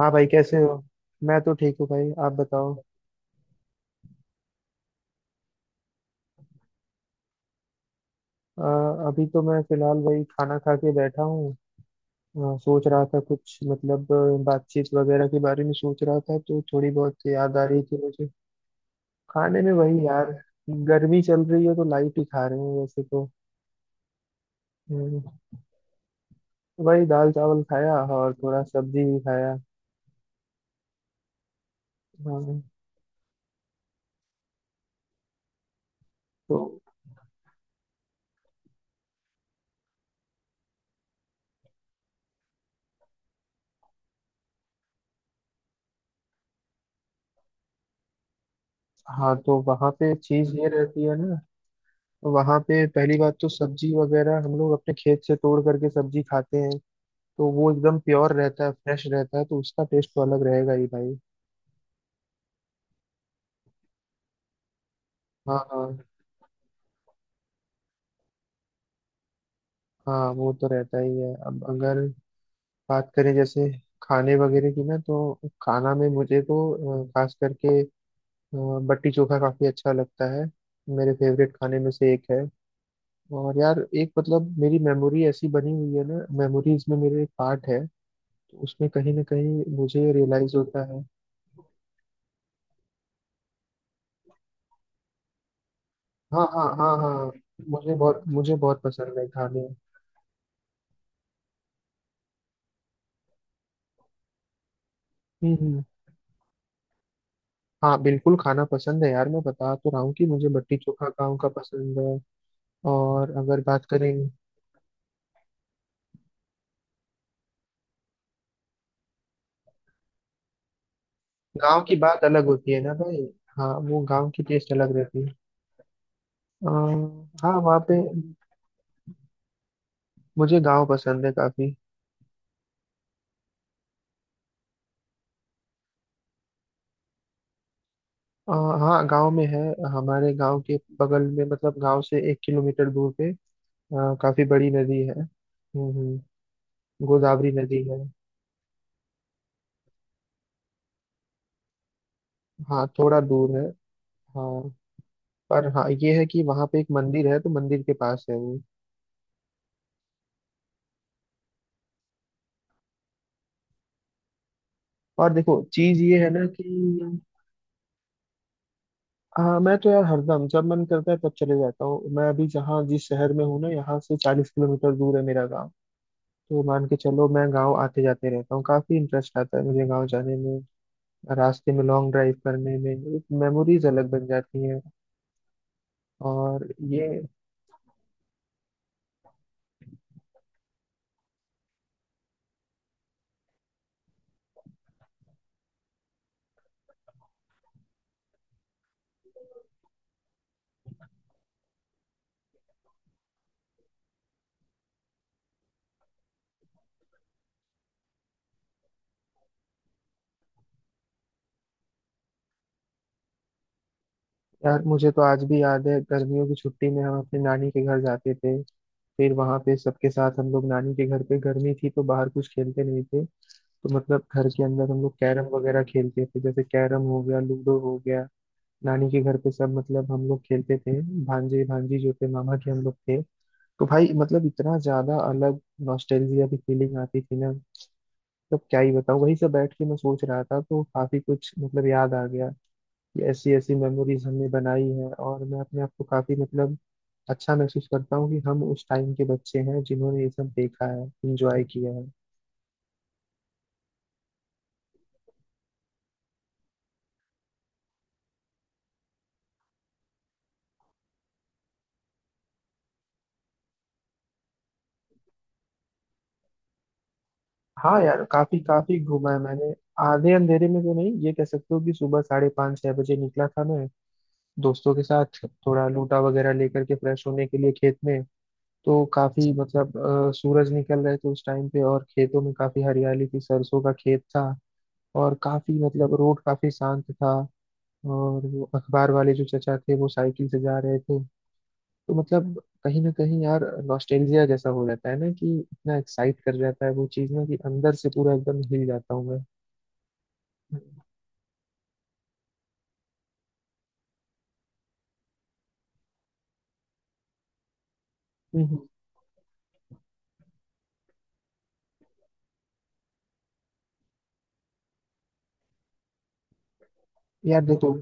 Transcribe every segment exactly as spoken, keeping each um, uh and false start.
हाँ भाई, कैसे हो? मैं तो ठीक हूँ भाई, आप बताओ। अ, अभी तो मैं फिलहाल वही खाना खा के बैठा हूँ। अ, सोच रहा था कुछ मतलब अ, बातचीत वगैरह के बारे में सोच रहा था, तो थोड़ी बहुत याद आ रही थी मुझे। खाने में वही यार, गर्मी चल रही है तो लाइट ही खा रहे हैं वैसे तो। हम्म, वही दाल चावल खाया और थोड़ा सब्जी भी खाया। हाँ, तो हाँ, तो वहाँ पे चीज ये रहती है ना। वहाँ पे पहली बात, तो सब्जी वगैरह हम लोग अपने खेत से तोड़ करके सब्जी खाते हैं, तो वो एकदम प्योर रहता है, फ्रेश रहता है, तो उसका टेस्ट तो अलग रहेगा ही भाई। हाँ हाँ। हाँ, वो तो रहता ही है। अब अगर बात करें जैसे खाने वगैरह की ना, तो खाना में मुझे तो अ, खास करके अ, बट्टी चोखा काफी अच्छा लगता है, मेरे फेवरेट खाने में से एक है। और यार एक मतलब मेरी मेमोरी ऐसी बनी हुई है ना, मेमोरीज में मेरे एक पार्ट है, तो उसमें कहीं ना कहीं मुझे रियलाइज होता है। हाँ हाँ हाँ हाँ। मुझे बहुत मुझे बहुत पसंद है खाने। हम्म हम्म। हाँ, बिल्कुल खाना पसंद है यार, मैं बता तो रहा हूँ कि मुझे लिट्टी चोखा गाँव का पसंद है। और अगर बात करें, गाँव की बात अलग होती है ना भाई। हाँ, वो गाँव की टेस्ट अलग रहती है। अ, हाँ वहाँ पे मुझे गाँव पसंद है काफी। अ, हाँ, गाँव में है। हमारे गाँव के बगल में, मतलब गाँव से एक किलोमीटर दूर पे अ, काफी बड़ी नदी है। हम्म हम्म, गोदावरी नदी है। हाँ, थोड़ा दूर है हाँ। पर हाँ, ये है कि वहाँ पे एक मंदिर है, तो मंदिर के पास है वो। और देखो, चीज ये है ना कि हाँ, मैं तो यार हरदम जब मन करता है तब चले जाता हूँ। मैं अभी जहाँ जिस शहर में हूँ ना, यहाँ से चालीस किलोमीटर दूर है मेरा गाँव। तो मान के चलो मैं गाँव आते जाते रहता हूँ, काफी इंटरेस्ट आता है मुझे गाँव जाने में, रास्ते में लॉन्ग ड्राइव करने में। एक मेमोरीज अलग बन जाती हैं। और ये, यार मुझे तो आज भी याद है, गर्मियों की छुट्टी में हम अपने नानी के घर जाते थे। फिर वहां पे सबके साथ हम लोग, नानी के घर पे गर्मी थी तो बाहर कुछ खेलते नहीं थे, तो मतलब घर के अंदर हम लोग कैरम वगैरह खेलते थे, जैसे कैरम हो गया, लूडो हो गया। नानी के घर पे सब मतलब हम लोग खेलते थे, भांजे भांजी जो थे मामा के, हम लोग थे। तो भाई मतलब इतना ज्यादा अलग नॉस्टैल्जिया की फीलिंग आती थी ना, मतलब क्या ही बताऊं। वही सब बैठ के मैं सोच रहा था, तो काफी कुछ मतलब याद आ गया। ये ऐसी ऐसी मेमोरीज हमने बनाई हैं, और मैं अपने आप को काफी मतलब अच्छा महसूस करता हूँ कि हम उस टाइम के बच्चे हैं जिन्होंने ये सब देखा है, एंजॉय किया है। हाँ यार, काफी काफी घूमा है मैंने। आधे अंधेरे में तो नहीं, ये कह सकते हो कि सुबह साढ़े पाँच छह बजे निकला था मैं दोस्तों के साथ, थोड़ा लूटा वगैरह लेकर के फ्रेश होने के लिए खेत में। तो काफी मतलब अ, सूरज निकल रहे थे उस टाइम पे, और खेतों में काफी हरियाली थी, सरसों का खेत था, और काफी मतलब रोड काफी शांत था। और वो अखबार वाले जो चचा थे वो साइकिल से जा रहे थे, तो मतलब कहीं ना कहीं यार, नॉस्टैल्जिया जैसा हो जाता है ना, कि इतना एक्साइट कर जाता है वो चीज ना, कि अंदर से पूरा एकदम हिल जाता हूँ मैं। हम्म। यार देखो,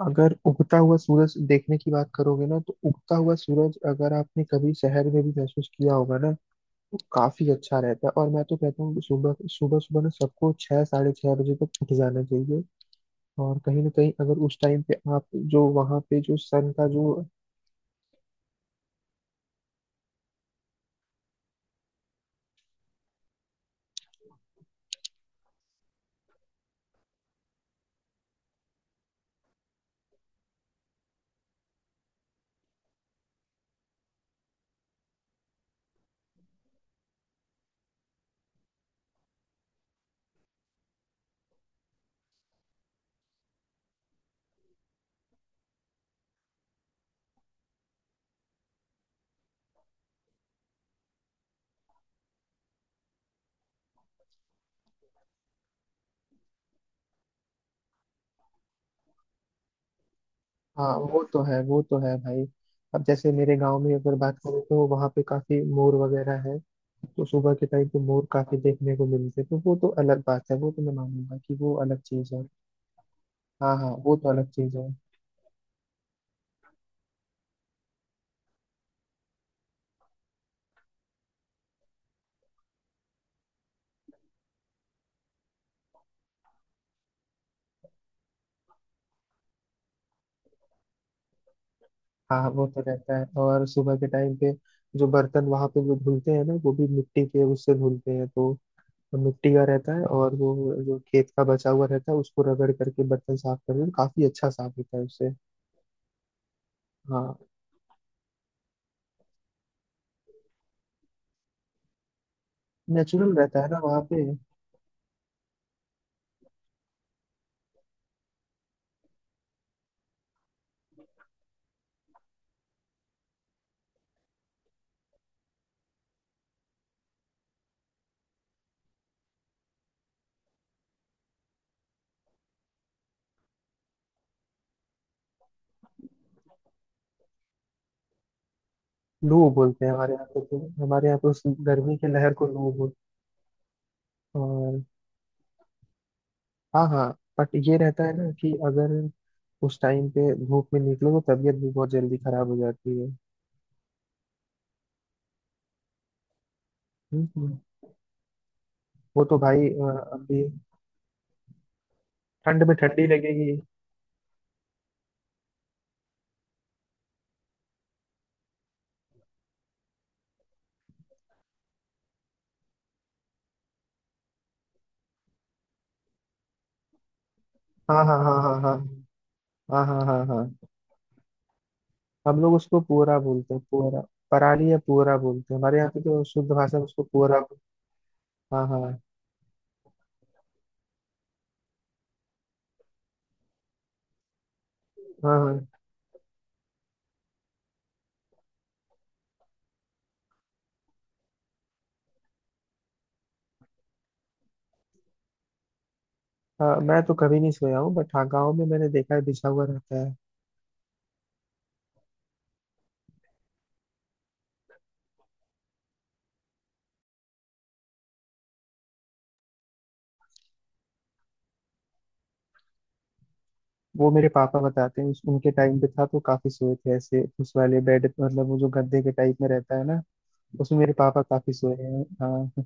अगर उगता हुआ सूरज देखने की बात करोगे ना, तो उगता हुआ सूरज अगर आपने कभी शहर में भी महसूस किया होगा ना, तो काफी अच्छा रहता है। और मैं तो कहता हूँ कि सुबह सुबह सुबह ना सबको छह साढ़े छह बजे तक उठ जाना चाहिए। और कहीं ना कहीं अगर उस टाइम पे आप जो वहां पे जो सन का जो। हाँ, वो तो है, वो तो है भाई। अब जैसे मेरे गांव में अगर बात करें, तो वहाँ पे काफी मोर वगैरह है, तो सुबह के टाइम पे मोर काफी देखने को मिलते हैं, तो वो तो अलग बात है। वो तो मैं मानूंगा कि वो अलग चीज है। हाँ हाँ, वो तो अलग चीज है। हाँ हाँ, वो तो रहता है। और सुबह के टाइम पे जो बर्तन वहाँ पे जो धुलते हैं ना, वो भी मिट्टी के उससे धुलते हैं, तो मिट्टी का रहता है, और वो जो खेत का बचा हुआ रहता है उसको रगड़ करके बर्तन साफ करते हैं, काफी अच्छा साफ होता है उससे। हाँ, नेचुरल रहता है ना वहाँ पे। लू बोलते हैं हमारे यहाँ पे, तो हमारे यहाँ पे उस गर्मी के लहर को लू बोलते हैं। और हाँ हाँ, बट ये रहता है ना कि अगर उस टाइम पे धूप में निकलो तो तबीयत भी बहुत जल्दी खराब हो जाती है। हम्म, हम्म। वो तो भाई अ, अभी ठंड में ठंडी लगेगी। हाँ हाँ हाँ हाँ हाँ हाँ हाँ हाँ हाँ। हम लोग उसको पुअरा बोलते हैं, पुअरा। पराली या पुअरा बोलते हैं हमारे यहाँ पे, तो शुद्ध भाषा में उसको पुअरा। हाँ हाँ हाँ हाँ। हाँ, मैं तो कभी नहीं सोया हूँ, बट हाँ गाँव में मैंने देखा है बिछा हुआ रहता है। वो मेरे पापा बताते हैं उस- उनके टाइम पे था, तो काफी सोए थे ऐसे। उस वाले बेड, मतलब वो जो गद्दे के टाइप में रहता है ना, उसमें मेरे पापा काफी सोए हैं हाँ।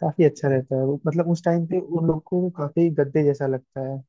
काफी अच्छा रहता है वो, मतलब उस टाइम पे उन लोग को काफी गद्दे जैसा लगता है।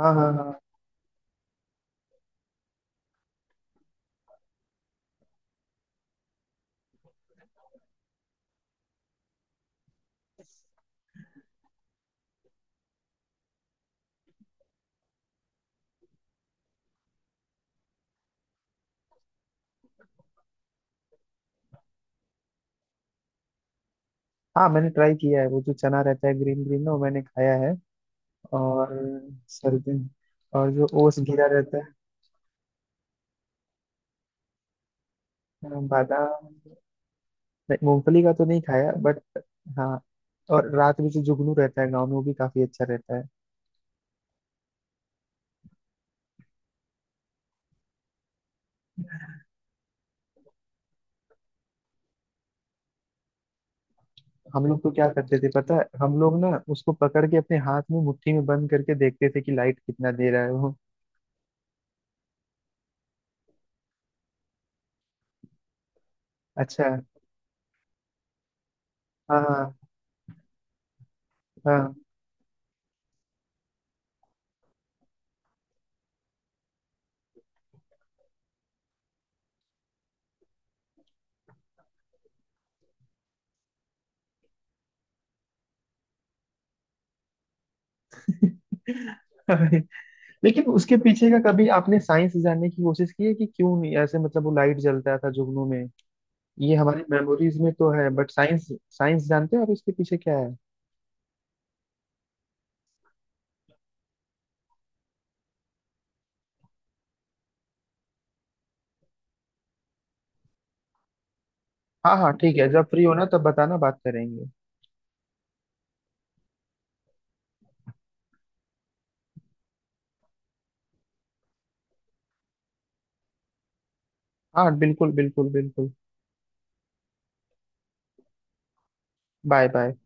हाँ हाँ हाँ। हाँ, मैंने ट्राई किया है वो जो चना रहता है ग्रीन ग्रीन ना, वो मैंने खाया है। और सर्दी, और जो ओस घिरा रहता है। हाँ, बादाम। नहीं, मूंगफली का तो नहीं खाया बट। हाँ। और रात में जो जुगनू रहता है गाँव में वो भी काफी अच्छा रहता है। हम लोग तो क्या करते थे पता है, हम लोग ना उसको पकड़ के अपने हाथ में मुट्ठी में बंद करके देखते थे कि लाइट कितना दे रहा है वो। अच्छा। हाँ। हाँ हाँ। लेकिन उसके पीछे का कभी आपने साइंस जानने की कोशिश की है कि क्यों नहीं ऐसे मतलब वो लाइट जलता था जुगनू में? ये हमारी मेमोरीज में तो है बट साइंस, साइंस जानते हो आप इसके पीछे क्या है? हाँ हाँ ठीक है, जब फ्री हो ना तब बताना, बात करेंगे। हाँ, बिल्कुल बिल्कुल बिल्कुल। Bye bye.